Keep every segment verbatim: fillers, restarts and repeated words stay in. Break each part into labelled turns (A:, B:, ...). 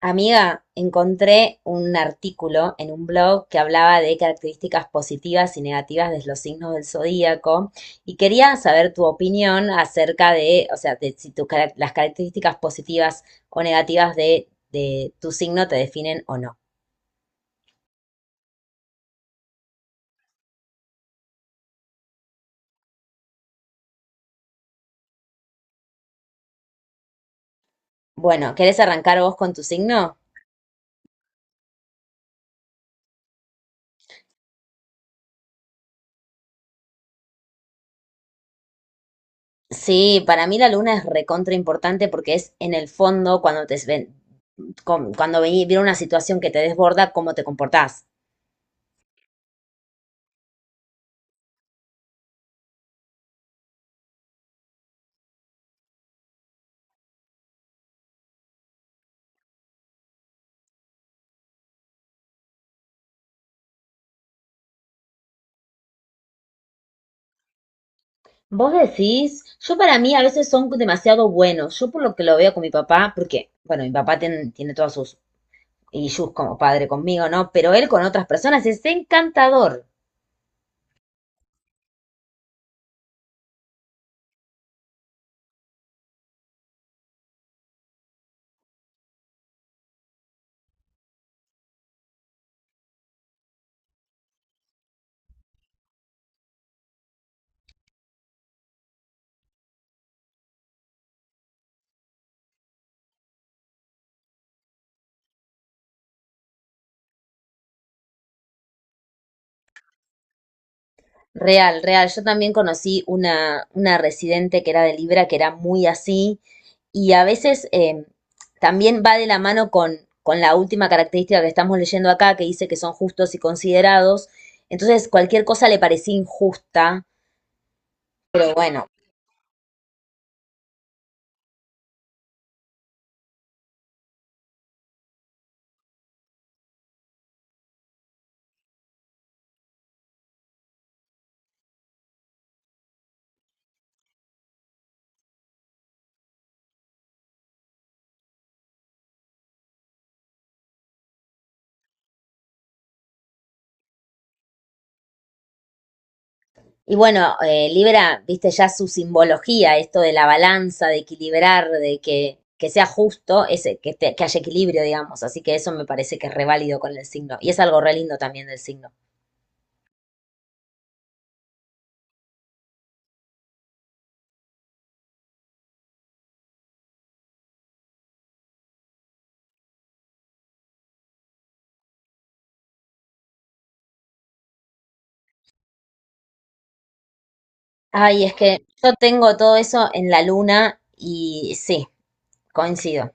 A: Amiga, encontré un artículo en un blog que hablaba de características positivas y negativas de los signos del zodíaco y quería saber tu opinión acerca de, o sea, de si tus carac- las características positivas o negativas de, de tu signo te definen o no. Bueno, ¿querés arrancar vos con tu signo? Sí, para mí la luna es recontra importante porque es en el fondo cuando te ven- con- cuando ve- viene una situación que te desborda, cómo te comportás. Vos decís, yo para mí a veces son demasiado buenos. Yo por lo que lo veo con mi papá, porque, bueno, mi papá tiene, tiene todas sus issues como padre conmigo, ¿no? Pero él con otras personas es encantador. Real, real. Yo también conocí una, una residente que era de Libra, que era muy así. Y a veces eh, también va de la mano con, con la última característica que estamos leyendo acá, que dice que son justos y considerados. Entonces, cualquier cosa le parecía injusta, pero bueno. Y bueno, eh, Libra, viste ya su simbología, esto de la balanza, de equilibrar, de que, que sea justo, ese, que, te- que haya equilibrio, digamos. Así que eso me parece que es re válido con el signo. Y es algo re lindo también del signo. Ay, es que yo tengo todo eso en la luna y sí, coincido.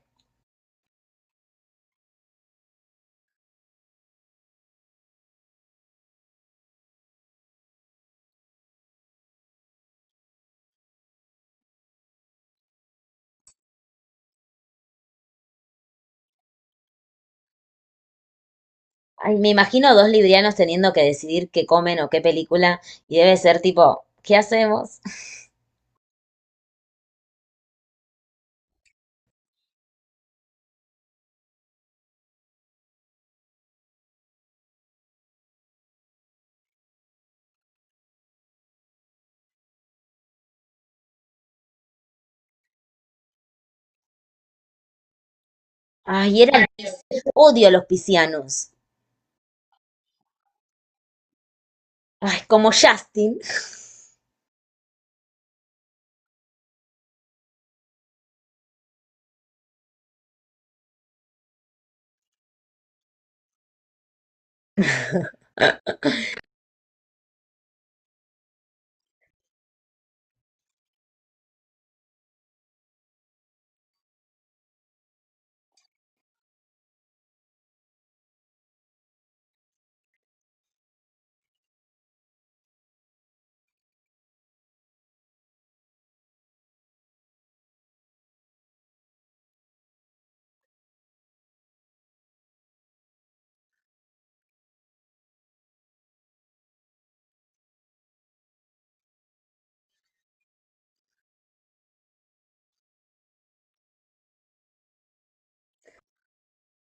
A: Ay, me imagino dos librianos teniendo que decidir qué comen o qué película y debe ser tipo, ¿qué hacemos? Ay, eran, odio a los piscianos. Ay, como Justin.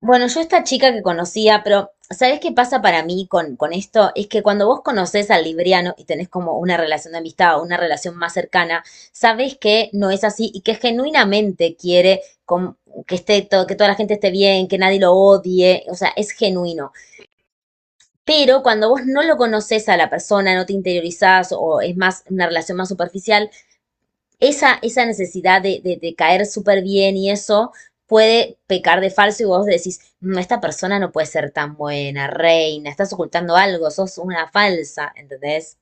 A: Bueno, yo esta chica que conocía, pero ¿sabés qué pasa para mí con, con esto? Es que cuando vos conocés al libriano y tenés como una relación de amistad o una relación más cercana, sabés que no es así y que genuinamente quiere com- que esté todo, que toda la gente esté bien, que nadie lo odie, o sea, es genuino. Pero cuando vos no lo conoces a la persona, no te interiorizás o es más una relación más superficial, esa, esa necesidad de, de- de caer súper bien y eso puede pecar de falso y vos decís, "Mm, esta persona no puede ser tan buena, reina, estás ocultando algo, sos una falsa, ¿entendés?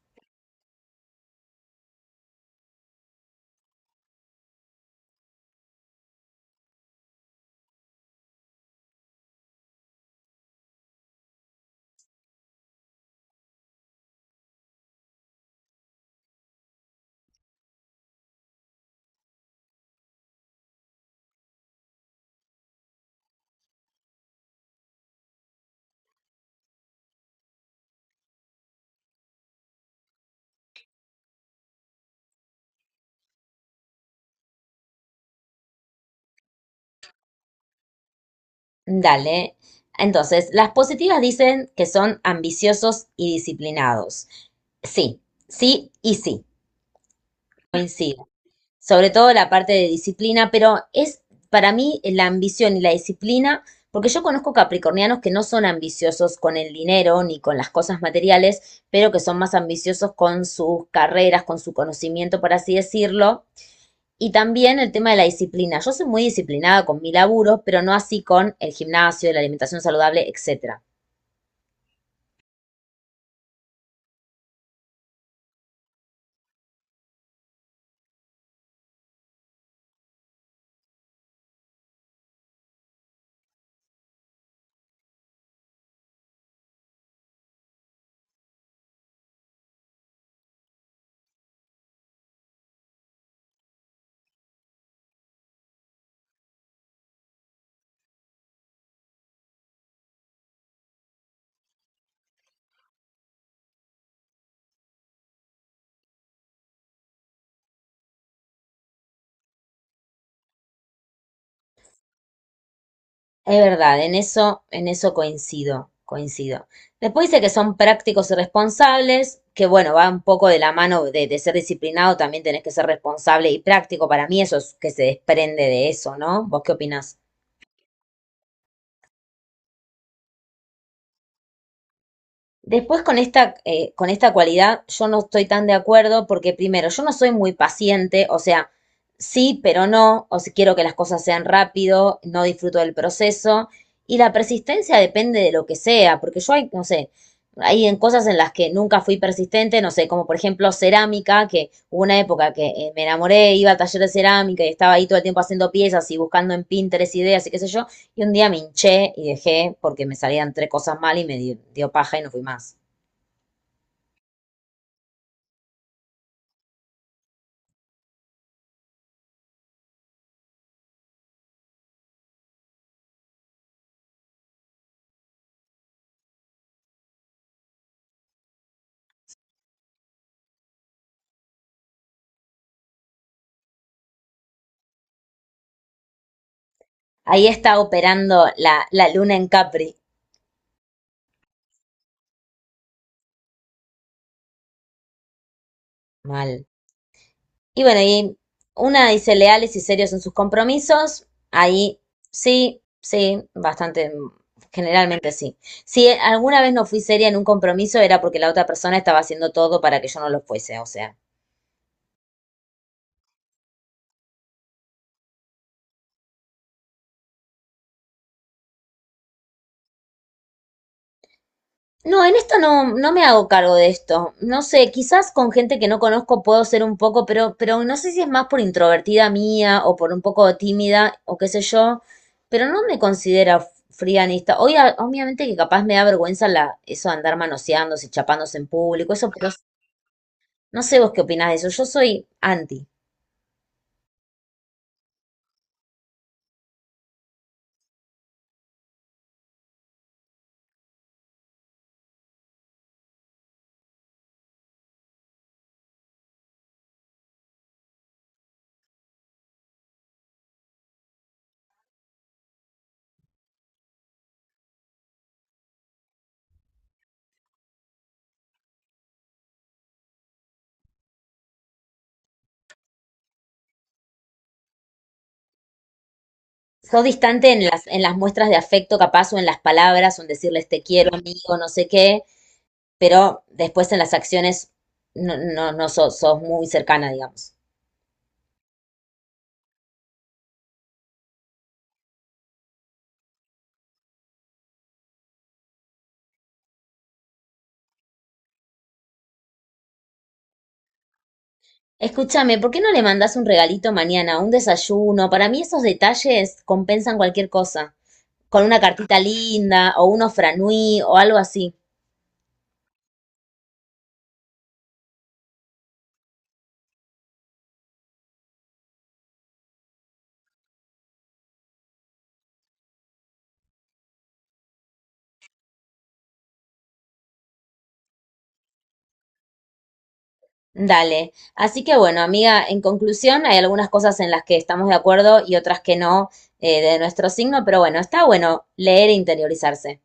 A: Dale. Entonces, las positivas dicen que son ambiciosos y disciplinados. Sí, sí y sí, coincido. Sobre todo la parte de disciplina, pero es para mí la ambición y la disciplina, porque yo conozco capricornianos que no son ambiciosos con el dinero ni con las cosas materiales, pero que son más ambiciosos con sus carreras, con su conocimiento, por así decirlo. Y también el tema de la disciplina. Yo soy muy disciplinada con mi laburo, pero no así con el gimnasio, la alimentación saludable, etcétera. Es verdad, en eso, en eso coincido, coincido. Después dice que son prácticos y responsables, que bueno, va un poco de la mano de, de ser disciplinado, también tenés que ser responsable y práctico. Para mí eso es que se desprende de eso, ¿no? ¿Vos qué opinás? Después con esta, eh, con esta cualidad yo no estoy tan de acuerdo porque primero, yo no soy muy paciente, o sea, sí, pero no, o si quiero que las cosas sean rápido, no disfruto del proceso y la persistencia depende de lo que sea, porque yo hay, no sé, hay en cosas en las que nunca fui persistente, no sé, como por ejemplo cerámica, que hubo una época que eh, me enamoré, iba al taller de cerámica y estaba ahí todo el tiempo haciendo piezas y buscando en Pinterest ideas y qué sé yo, y un día me hinché y dejé porque me salían tres cosas mal y me di- dio, paja y no fui más. Ahí está operando la, la luna en Capri. Mal. Y bueno, y una dice leales y serios en sus compromisos. Ahí sí, sí, bastante, generalmente sí. Si alguna vez no fui seria en un compromiso era porque la otra persona estaba haciendo todo para que yo no lo fuese, o sea. No, en esto no, no me hago cargo de esto. No sé, quizás con gente que no conozco puedo ser un poco, pero, pero no sé si es más por introvertida mía o por un poco tímida o qué sé yo, pero no me considero fría frianista. Hoy, a- obviamente que capaz me da vergüenza la, eso de andar manoseándose, chapándose en público, eso, pero no sé vos qué opinás de eso. Yo soy anti. Soy distante en las, en las muestras de afecto capaz o en las palabras o en decirles te quiero, amigo, no sé qué. Pero después en las acciones no, no, no sos, sos muy cercana, digamos. Escúchame, ¿por qué no le mandas un regalito mañana, un desayuno? Para mí esos detalles compensan cualquier cosa. Con una cartita linda o unos franui o algo así. Dale. Así que bueno, amiga, en conclusión, hay algunas cosas en las que estamos de acuerdo y otras que no, eh, de nuestro signo, pero bueno, está bueno leer e interiorizarse.